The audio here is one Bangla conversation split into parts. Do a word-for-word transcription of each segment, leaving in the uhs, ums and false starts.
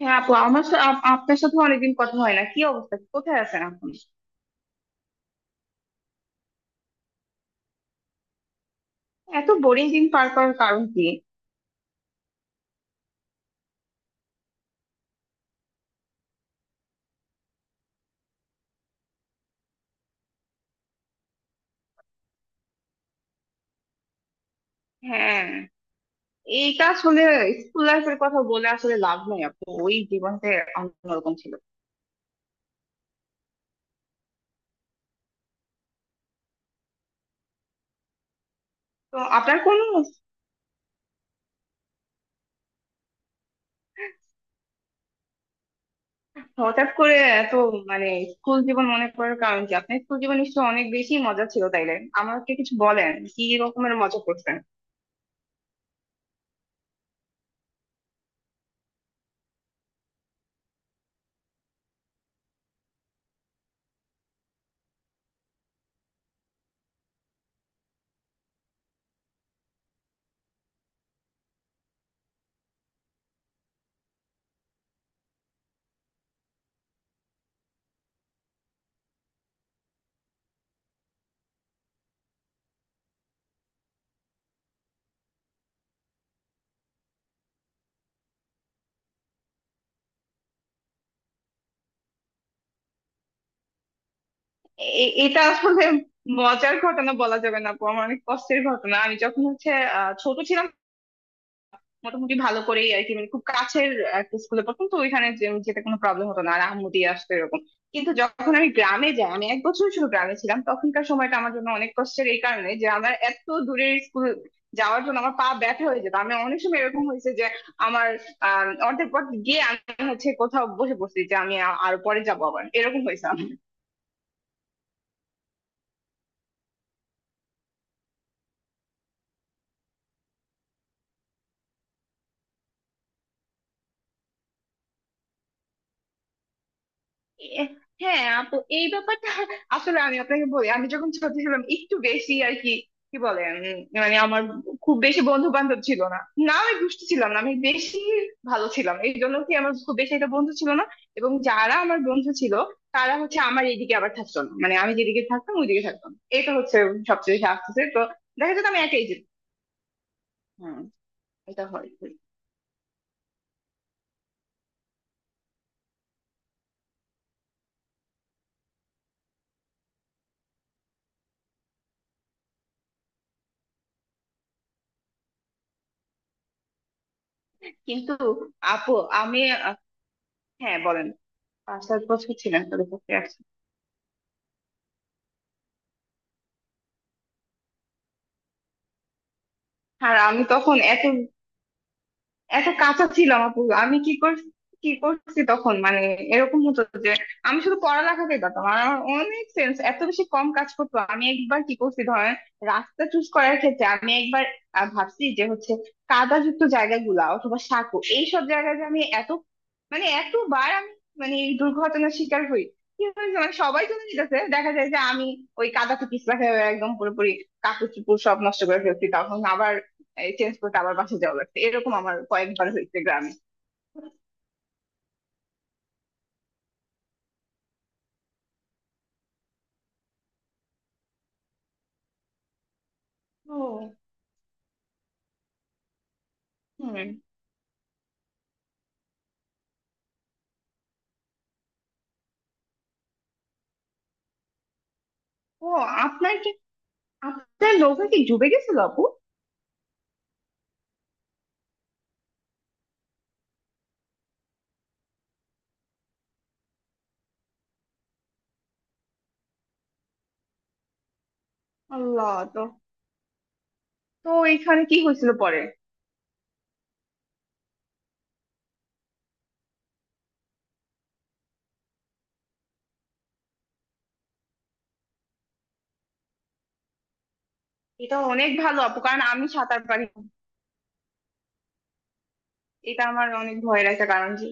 হ্যাঁ আপু, আমার সা- আপ- আপনার সাথে অনেকদিন কথা হয় না। কি অবস্থা? কোথায় আছেন আপনি? এত বোরিং দিন পার করার কারণ কি? হ্যাঁ। এইটা আসলে স্কুল লাইফের কথা বলে আসলে লাভ নাই আপু, ওই জীবনটা অন্যরকম ছিল। তো আপনার কোন, হঠাৎ করে এত মানে স্কুল জীবন মনে করার কারণ কি? আপনার স্কুল জীবন নিশ্চয়ই অনেক বেশি মজা ছিল তাইলে, আমাকে কিছু বলেন, কি রকমের মজা করতেন? এ- এটা আসলে মজার ঘটনা বলা যাবে না আপু, আমার অনেক কষ্টের ঘটনা। আমি যখন হচ্ছে আহ, ছোট ছিলাম, মোটামুটি ভালো করেই আর কি, মানে খুব কাছের একটা স্কুলে পড়তাম, তো ওইখানে যে- যেতে কোনো প্রবলেম হতো না, আর আম্মু দিয়ে আসতো এরকম। কিন্তু যখন আমি গ্রামে যাই, আমি এক বছর শুধু গ্রামে ছিলাম, তখনকার সময়টা আমার জন্য অনেক কষ্টের। এই কারণে যে আমার এত দূরের স্কুল যাওয়ার জন্য আমার পা ব্যথা হয়ে যেত। আমি অনেক সময় এরকম হয়েছে যে আমার আহ অর্ধেক পথ গিয়ে আমি হচ্ছে কোথাও বসে পড়ছি, যে আমি আ- আর পরে যাবো, আবার এরকম হয়েছে আমার। এ- হ্যাঁ আপু, এই ব্যাপারটা আসলে আমি আপনাকে বলি, আমি যখন ছোট ছিলাম একটু বেশি আর কি, কি বলেন? মানে আমার খুব বেশি বন্ধু বান্ধব ছিল না। না, আমি দুষ্টু ছিলাম না, আমি বেশি ভালো ছিলাম, এই জন্য কি আমার খুব বেশি একটা বন্ধু ছিল না। এবং যারা আমার বন্ধু ছিল তারা হচ্ছে আমার এইদিকে আবার থাকতো না, মানে আমি যেদিকে থাকতাম ওইদিকে থাকতাম। এটা হচ্ছে সবচেয়ে বেশি আসতেছে তো, দেখা যেত আমি একাই যেতাম। হম। এটা হয়। কিন্তু আপু আমি আহ, হ্যাঁ বলেন। পাঁচ সাত বছর ছিলাম তাদের পক্ষে। আর আমি তখন এত এত কাঁচা ছিলাম আপু, আমি কি করছি, কি করছি তখন, মানে এরকম হতো যে আমি শুধু পড়ালেখাতেই পারতাম, আর আমার অনেক সেন্স এত বেশি কম কাজ করতো। আমি একবার কি করছি ধরেন, রাস্তা চুজ করার ক্ষেত্রে আমি একবার আহ, ভাবছি যে হচ্ছে কাদাযুক্ত জায়গাগুলা অথবা সাঁকো, এইসব জায়গায় যে আমি এত, মানে এতবার আমি মানে এই দুর্ঘটনার শিকার হই। কি হয়েছে মানে সবাই চলে যেতেছে, দেখা যায় যে আমি ওই কাদাতে পিছলা খেয়ে একদম পুরোপুরি কাপড় চোপড় সব নষ্ট করে ফেলছি, তখন আবার চেঞ্জ করতে আবার বাসা যাওয়া লাগছে, এরকম আমার কয়েকবার হয়েছে গ্রামে। ও। হুম। ও, আপনার কি, আপনার নৌকা কি ডুবে গেছিল আপু? আল্লাহ। তো তো এখানে কি হয়েছিল পরে? এটা অনেক ভালো আপু, কারণ আমি সাঁতার পারি না। এটা আমার অনেক ভয়ের একটা কারণ যে,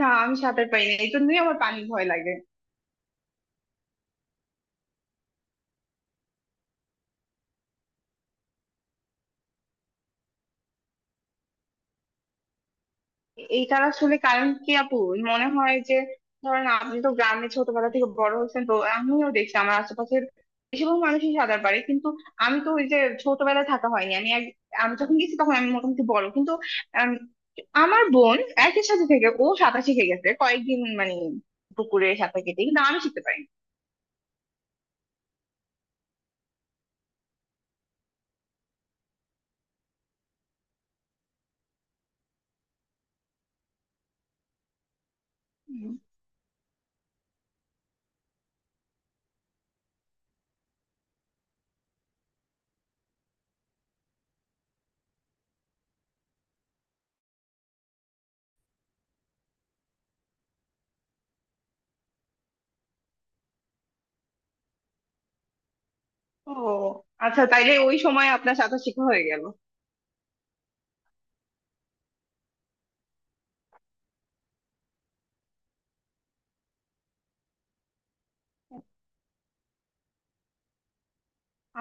না আমি সাঁতার পারি না, এই জন্যই আমার পানি ভয় লাগে। এইটার আসলে কারণ কি আপু? মনে হয় যে ধরেন আপনি তো গ্রামে ছোটবেলা থেকে বড় হয়েছেন, তো আমিও দেখছি আমার আশেপাশের বেশিরভাগ মানুষই সাঁতার পারে, কিন্তু আমি তো ওই যে ছোটবেলায় থাকা হয়নি, আমি এক- আমি যখন গেছি তখন আমি মোটামুটি বড় কিন্তু, আম, আমার বোন একই সাথে থেকে ও সাঁতার শিখে গেছে কয়েকদিন মানে পুকুরে সাঁতার কেটে, কিন্তু আমি শিখতে পারিনি। হুম। ও, আচ্ছা তাইলে ওই সময় আপনার সাঁতার শেখা হয়ে গেল।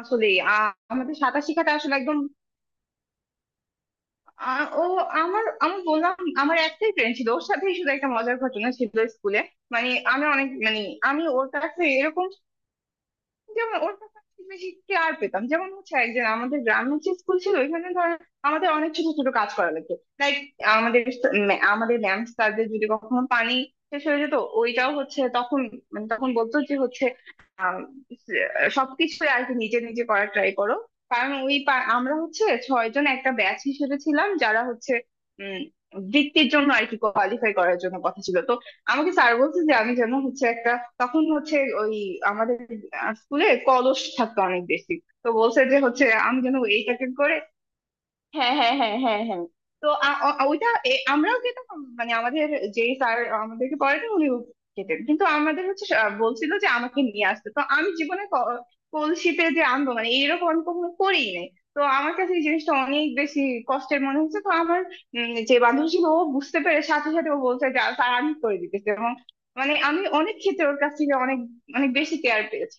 আসলে আমাদের সাঁতার শেখাটা আসলে একদম আ- ও আমার, আমি বললাম আমার একটাই ফ্রেন্ড ছিল, ওর সাথেই শুধু একটা মজার ঘটনা ছিল স্কুলে। মানে আমি অনেক মানে আমি ওর কাছে এরকম, যেমন ওর ব্যাপারে খুব বেশি কেয়ার পেতাম। যেমন হচ্ছে একজন আমাদের গ্রামের যে স্কুল ছিল ওইখানে ধর, আমাদের অনেক ছোট ছোট কাজ করা লাগতো, লাইক আমাদের স- ম্যা- আমাদের ম্যাম স্যারদের যদি কখনো পানি শেষ হয়ে যেত, ওইটাও হচ্ছে তখন, মানে তখন বলতো যে হচ্ছে আম, স- সবকিছু আর কি নিজে নিজে করার ট্রাই করো, কারণ ওই পা- আমরা হচ্ছে ছয়জন একটা ব্যাচ হিসেবে ছিলাম যারা হচ্ছে উম বৃত্তির জন্য আর কি কোয়ালিফাই করার জন্য, কথা ছিল তো আমাকে স্যার বলছে যে আমি যেন হচ্ছে একটা, তখন হচ্ছে ওই আমাদের স্কুলে কলস থাকতো অনেক বেশি, তো বলছে যে হচ্ছে আমি যেন এইটাকে করে। হ্যাঁ হ্যাঁ হ্যাঁ হ্যাঁ হ্যাঁ। তো আ- অ- ওইটা এ, আমরাও খেতাম, মানে আমাদের যে স্যার আমাদেরকে পড়াতেন উনি খেতেন, কিন্তু আমাদের হচ্ছে সা- বলছিল যে আমাকে নিয়ে আসতে, তো আমি জীবনে ক- কলসিতে যে আনবো মানে এইরকম আমি কখনো করেই নাই, তো আমার কাছে এই জিনিসটা অনেক বেশি কষ্টের মনে হচ্ছে। তো আমার উম, যে বান্ধবী ছিল ও বুঝতে পেরে সাথে সাথে ও বলছে যে স্যার আমি করে দিতেছি, এবং মানে আমি অনেক ক্ষেত্রে ওর কাছ থেকে অনেক অনেক বেশি কেয়ার পেয়েছি।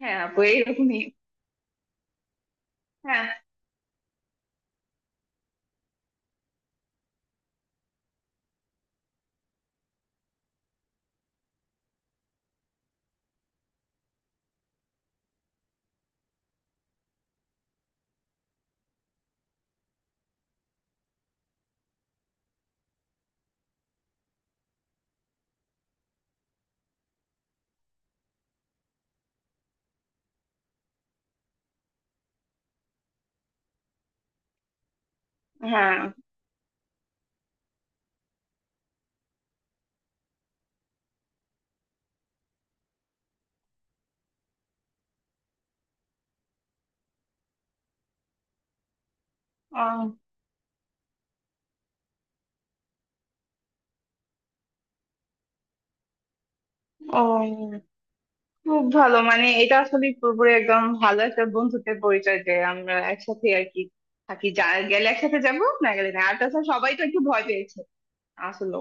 হ্যাঁ আপু এইরকমই। হ্যাঁ। হ্যাঁ। ও। ও, খুব ভালো, মানে এটা আসলে পুরোপুরি একদম ভালো একটা বন্ধুত্বের পরিচয় যে আমরা একসাথে আর কি থাকি, যা গেলে একসাথে, যাবো না গেলে না। আর তাছাড়া সবাই তো একটু ভয় পেয়েছে আসলে।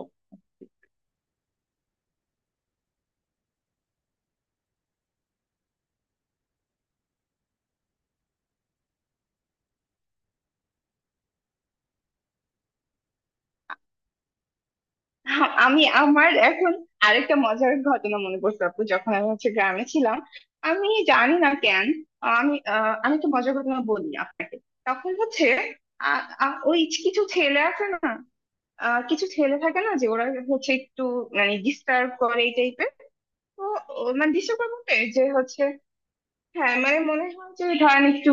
আমি আমার এখন আরেকটা মজার ঘটনা মনে পড়ছে আপু, যখন আমি হচ্ছে গ্রামে ছিলাম। আমি জানি না কেন, আমি আহ, আমি একটা মজার ঘটনা বলি আপ- তখন হচ্ছে আ- আ- ওই, কিছু ছেলে আছে না, আহ, কিছু ছেলে থাকে না যে ওরা হচ্ছে একটু মানে ডিস্টার্ব করে এই টাইপের। তো ও- মানে ডিস্টার্ব করবে যে হচ্ছে, হ্যাঁ মানে মনে হয় যে ধরেন একটু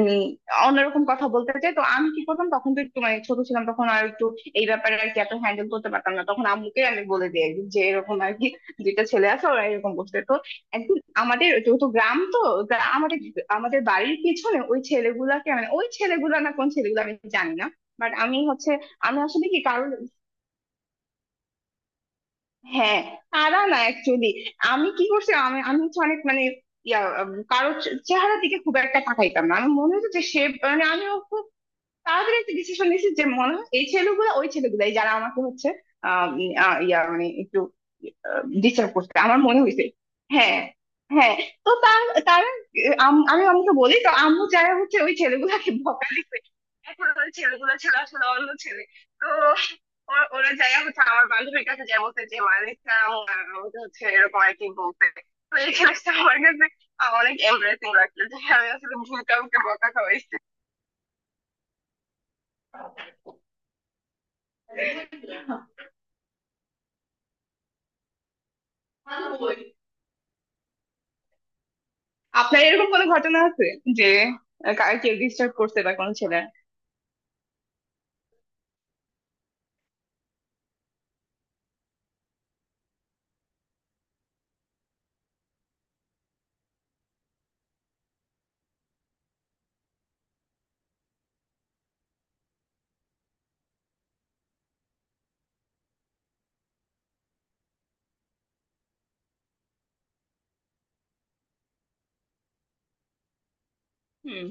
উম, অন্যরকম কথা বলতে চাই। তো আমি কি করতাম, তখন তো একটু মানে ছোট ছিলাম তখন, আর একটু এই ব্যাপারে আর কি এত হ্যান্ডেল করতে পারতাম না, তখন আম্মুকে আমি বলে দিই একদিন যে এরকম আর কি দুইটা ছেলে আছে ওরা এরকম করছে। তো একদিন আমাদের যেহেতু গ্রাম তো, গ্রা- আমাদের আমাদের বাড়ির পিছনে ওই ছেলেগুলাকে, মানে ওই ছেলেগুলা না কোন ছেলেগুলো আমি জানি না, বাট আমি হচ্ছে আমি আসলে কি কারোর, হ্যাঁ তারা না অ্যাকচুয়ালি, আমি কি করছি আমি আমি হচ্ছে অনেক মানে ইয়া উম, কারো চে- চেহারার দিকে খুব একটা তাকাইতাম না, আমার মনে হতো যে সে, মানে আমি তাড়াতাড়ি একটা ডিসিশন নিয়েছি যে মনে হয় এই ছেলেগুলো ওই ছেলেগুলাই যারা আমাকে হচ্ছে আহ, উম, আহ, ইয়া মানে একটু ডিস্টার্ব করছে, আমার মনে হয়েছে। হ্যাঁ। হ্যাঁ। তো তার, তারা আহ, আম- আমি আম্মুকে বলি, তো আম্মু যারা হচ্ছে ওই ছেলেগুলাকে বকা দিচ্ছে, এখন ওই ছেলেগুলো ছিল আসলে অন্য ছেলে। তো ওরা ওরা যাইয়া হচ্ছে আমার বান্ধবীর কাছে যাই বলছে যে মালিকটা আমাকে হচ্ছে এরকম আর কি বলতে। তো এই জিনিসটা আমার কাছে আহ, অনেক এমব্রেসিং লাগছে যে আমি আসলে ভুল কাউকে বকা খাওয়াইছি। আপনার এরকম কোনো ঘটনা আছে যে আহ, কার কেউ ডিস্টার্ব করছে বা কোনো ছেলে? হুম।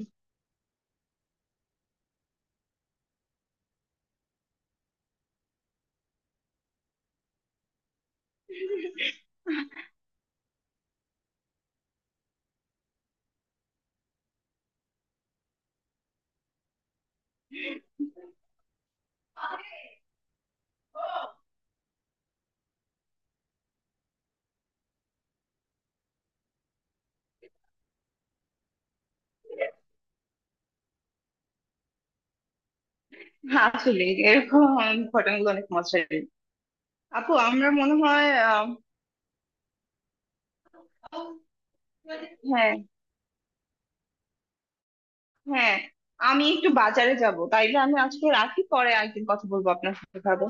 হ্যাঁ আসলে এরকম ঘটনাগুলো অনেক মজার। আপু আমরা মনে হয় আহ, হ্যাঁ। হ্যাঁ। আমি একটু বাজারে যাব, তাইলে আমি আজকে রাখি, পরে একদিন কথা বলবো আপনার সাথে। ভাবো।